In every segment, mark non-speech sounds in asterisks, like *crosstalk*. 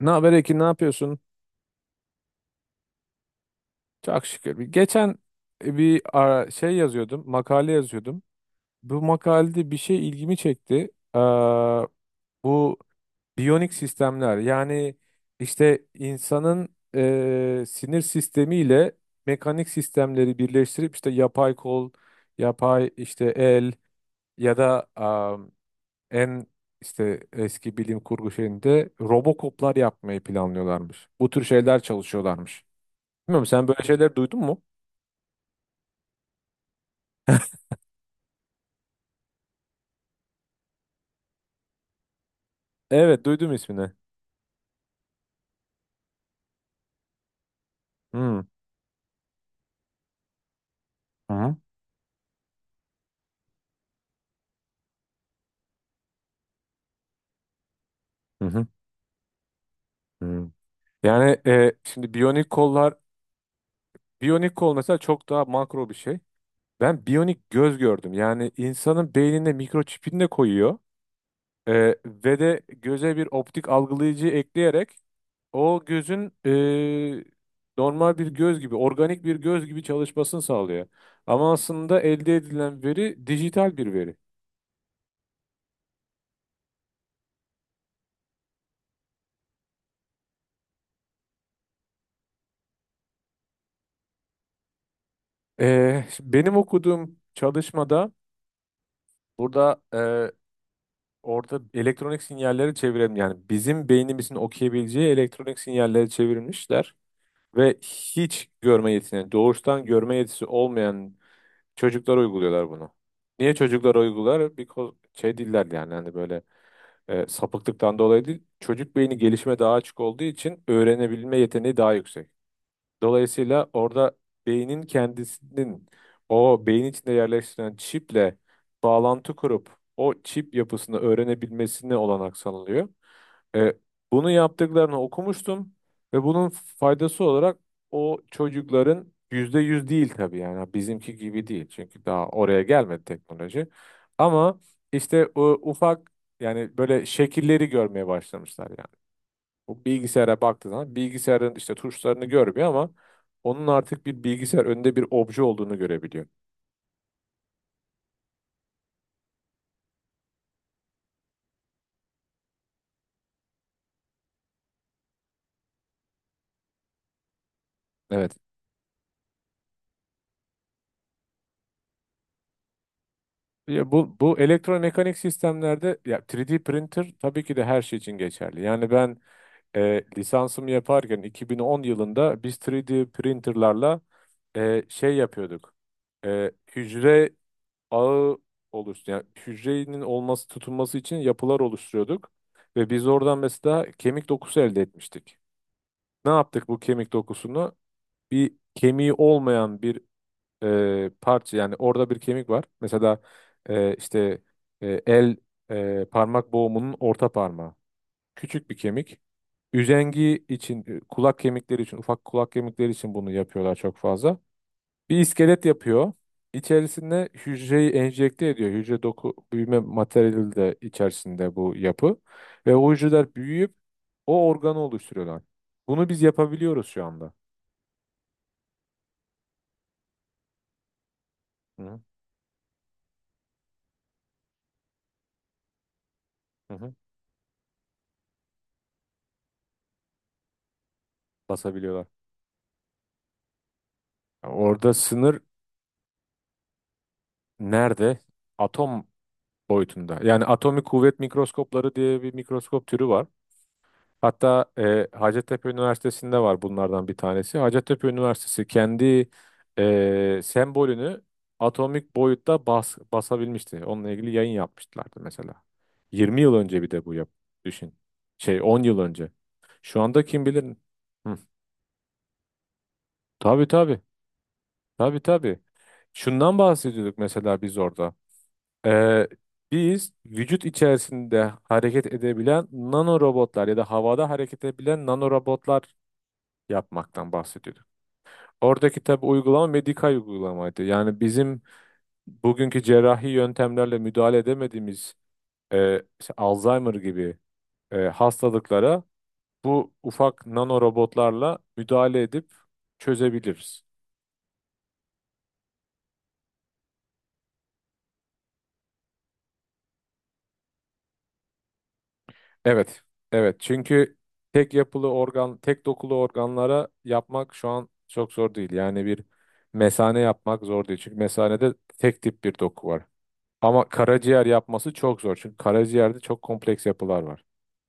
Ne haber Ekin, ne yapıyorsun? Çok şükür. Geçen bir ara- şey yazıyordum, makale yazıyordum. Bu makalede bir şey ilgimi çekti. Ee, bu biyonik sistemler, yani işte insanın sinir sistemiyle mekanik sistemleri birleştirip işte yapay kol, yapay işte el ya da en işte eski bilim kurgu şeyinde robokoplar yapmayı planlıyorlarmış. Bu tür şeyler çalışıyorlarmış. Bilmiyorum, sen böyle şeyler duydun mu? Evet, duydum ismini. Hmm. Hı hı. Hı hı. Yani şimdi biyonik kollar, biyonik kol mesela çok daha makro bir şey. Ben biyonik göz gördüm. Yani insanın beynine mikroçipini de koyuyor. E, ve de göze bir optik algılayıcı ekleyerek o gözün normal bir göz gibi, organik bir göz gibi çalışmasını sağlıyor. Ama aslında elde edilen veri dijital bir veri. Şimdi benim okuduğum çalışmada, burada, orada elektronik sinyalleri çevirelim. Yani bizim beynimizin okuyabileceği elektronik sinyalleri çevirmişler ve hiç görme yetisine, doğuştan görme yetisi olmayan çocuklara uyguluyorlar bunu. Niye çocuklara uygular? Because şey değiller, yani hani böyle sapıklıktan dolayı değil. Çocuk beyni gelişime daha açık olduğu için öğrenebilme yeteneği daha yüksek. Dolayısıyla orada beynin kendisinin, o beyin içinde yerleştirilen çiple bağlantı kurup o çip yapısını öğrenebilmesine olanak sağlanıyor. E, bunu yaptıklarını okumuştum ve bunun faydası olarak o çocukların, %100 değil tabii, yani bizimki gibi değil. Çünkü daha oraya gelmedi teknoloji. Ama işte o ufak, yani böyle şekilleri görmeye başlamışlar yani. Bu bilgisayara baktığı zaman bilgisayarın işte tuşlarını görmüyor ama onun artık bir bilgisayar önünde bir obje olduğunu görebiliyor. Evet. Ya, bu elektromekanik sistemlerde, ya 3D printer tabii ki de her şey için geçerli. Yani ben lisansımı yaparken 2010 yılında biz 3D printerlarla şey yapıyorduk. Hücre ağı oluştu. Yani hücrenin olması, tutunması için yapılar oluşturuyorduk ve biz oradan mesela kemik dokusu elde etmiştik. Ne yaptık bu kemik dokusunu? Bir kemiği olmayan bir parça, yani orada bir kemik var. Mesela işte el parmak boğumunun orta parmağı. Küçük bir kemik. Üzengi için, kulak kemikleri için, ufak kulak kemikleri için bunu yapıyorlar çok fazla. Bir iskelet yapıyor. İçerisinde hücreyi enjekte ediyor. Hücre doku büyüme materyali de içerisinde bu yapı. Ve o hücreler büyüyüp o organı oluşturuyorlar. Bunu biz yapabiliyoruz şu anda. Hı hı. Basabiliyorlar. Orada sınır nerede? Atom boyutunda. Yani atomik kuvvet mikroskopları diye bir mikroskop türü var. Hatta Hacettepe Üniversitesi'nde var bunlardan bir tanesi. Hacettepe Üniversitesi kendi sembolünü atomik boyutta basabilmişti. Onunla ilgili yayın yapmışlardı mesela. 20 yıl önce bir de bu düşün. Şey, 10 yıl önce. Şu anda kim bilir? Hı. Tabii, tabii. Tabii, tabii. Şundan bahsediyorduk mesela biz orada. Ee, biz vücut içerisinde hareket edebilen nano robotlar ya da havada hareket edebilen nano robotlar yapmaktan bahsediyorduk. Oradaki tabii uygulama medikal uygulamaydı. Yani bizim bugünkü cerrahi yöntemlerle müdahale edemediğimiz, işte Alzheimer gibi hastalıklara bu ufak nano robotlarla müdahale edip çözebiliriz. Evet. Evet. Çünkü tek yapılı organ, tek dokulu organlara yapmak şu an çok zor değil. Yani bir mesane yapmak zor değil. Çünkü mesanede tek tip bir doku var. Ama karaciğer yapması çok zor. Çünkü karaciğerde çok kompleks yapılar var.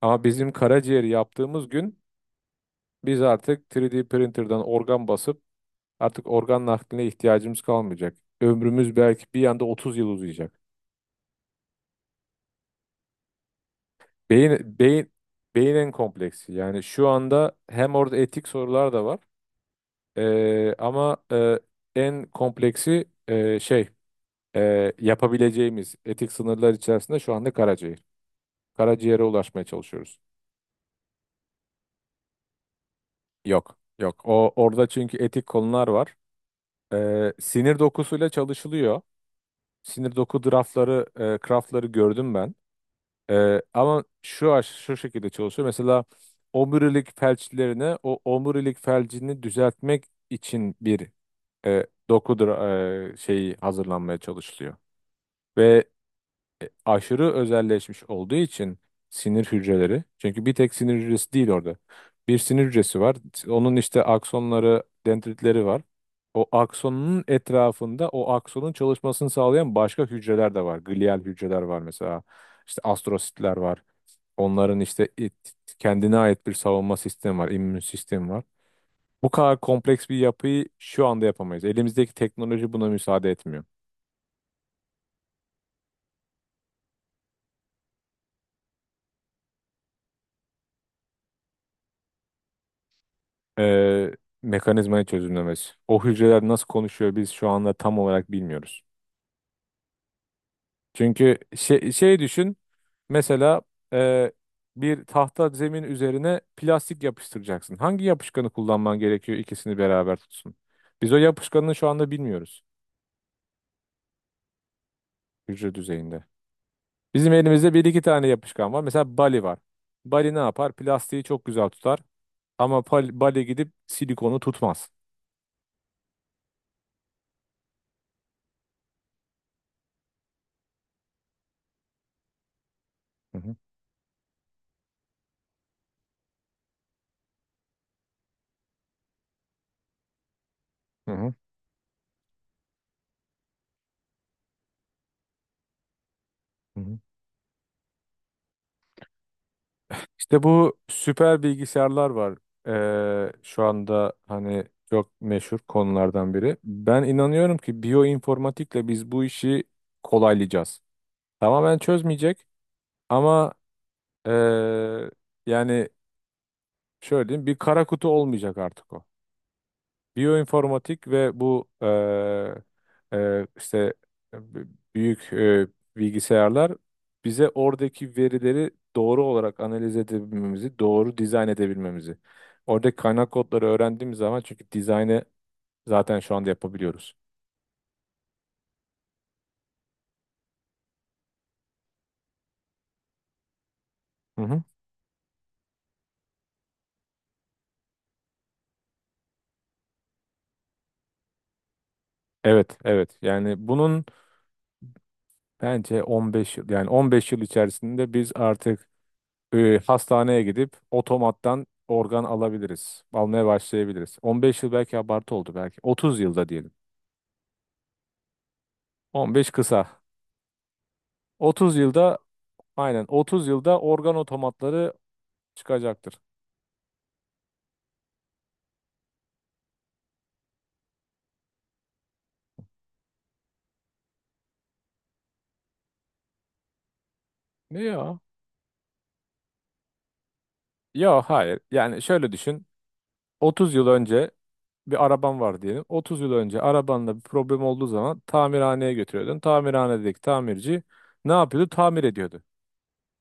Ama bizim karaciğeri yaptığımız gün biz artık 3D printer'dan organ basıp artık organ nakline ihtiyacımız kalmayacak. Ömrümüz belki bir anda 30 yıl uzayacak. Beyin, beyin, beyin, en kompleksi. Yani şu anda hem orada etik sorular da var. Ama en kompleksi, şey, yapabileceğimiz etik sınırlar içerisinde şu anda karaciğer. Karaciğere ulaşmaya çalışıyoruz. Yok, yok. O orada çünkü etik konular var. Sinir dokusuyla çalışılıyor. Sinir doku craftları gördüm ben. Ama şu şekilde çalışıyor. Mesela omurilik felçlerine, o omurilik felcini düzeltmek için bir doku şeyi hazırlanmaya çalışılıyor. Ve aşırı özelleşmiş olduğu için sinir hücreleri. Çünkü bir tek sinir hücresi değil orada. Bir sinir hücresi var. Onun işte aksonları, dendritleri var. O aksonun etrafında o aksonun çalışmasını sağlayan başka hücreler de var. Glial hücreler var mesela. İşte astrositler var. Onların işte kendine ait bir savunma sistemi var, immün sistemi var. Bu kadar kompleks bir yapıyı şu anda yapamayız. Elimizdeki teknoloji buna müsaade etmiyor. e, mekanizmayı çözümlemesi. O hücreler nasıl konuşuyor, biz şu anda tam olarak bilmiyoruz. Çünkü düşün mesela, e, bir tahta zemin üzerine plastik yapıştıracaksın. Hangi yapışkanı kullanman gerekiyor, ikisini beraber tutsun? Biz o yapışkanını şu anda bilmiyoruz hücre düzeyinde. Bizim elimizde bir iki tane yapışkan var. Mesela Bali var. Bali ne yapar? Plastiği çok güzel tutar ama Bali gidip silikonu tutmaz. Hı hı. Hı hı. Hı hı. İşte bu süper bilgisayarlar var. Şu anda hani çok meşhur konulardan biri. Ben inanıyorum ki biyoinformatikle biz bu işi kolaylayacağız. Tamamen çözmeyecek ama ee, yani şöyle diyeyim, bir kara kutu olmayacak artık o. Biyoinformatik ve bu işte, e, b- büyük bilgisayarlar bize oradaki verileri doğru olarak analiz edebilmemizi, doğru dizayn edebilmemizi. Oradaki kaynak kodları öğrendiğimiz zaman, çünkü dizaynı zaten şu anda yapabiliyoruz. Hı hı. Evet, evet. Yani bunun bence 15 yıl, yani 15 yıl içerisinde biz artık hastaneye gidip otomattan organ alabiliriz. Almaya başlayabiliriz. 15 yıl belki abartı oldu belki. 30 yılda diyelim. 15 kısa. 30 yılda, aynen, 30 yılda organ otomatları çıkacaktır. Ne ya? Ya, hayır. Yani şöyle düşün, 30 yıl önce bir araban var diyelim. 30 yıl önce arabanla bir problem olduğu zaman tamirhaneye götürüyordun. Tamirhanedeki tamirci ne yapıyordu? Tamir ediyordu.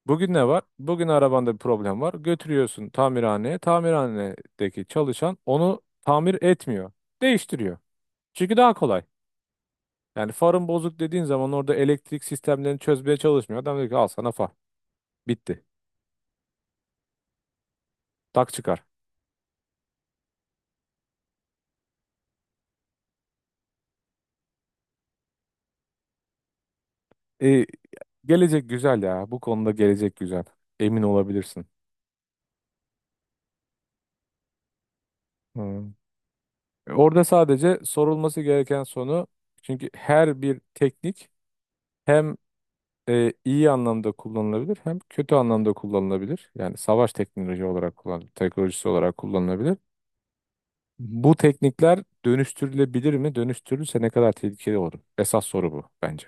Bugün ne var? Bugün arabanda bir problem var. Götürüyorsun tamirhaneye. Tamirhanedeki çalışan onu tamir etmiyor. Değiştiriyor. Çünkü daha kolay. Yani farın bozuk dediğin zaman orada elektrik sistemlerini çözmeye çalışmıyor. Adam diyor ki al sana far. Bitti. Tak çıkar. E, gelecek güzel ya. Bu konuda gelecek güzel. Emin olabilirsin. Hmm. Orada sadece sorulması gereken sonu, çünkü her bir teknik hem iyi anlamda kullanılabilir hem kötü anlamda kullanılabilir. Yani savaş teknoloji olarak kullan teknolojisi olarak kullanılabilir. Bu teknikler dönüştürülebilir mi? Dönüştürülürse ne kadar tehlikeli olur? Esas soru bu bence.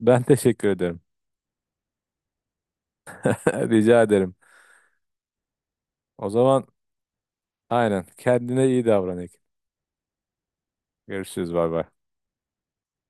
Ben teşekkür ederim. *laughs* Rica ederim. O zaman aynen kendine iyi davran Ekin. Görüşürüz, bay bay.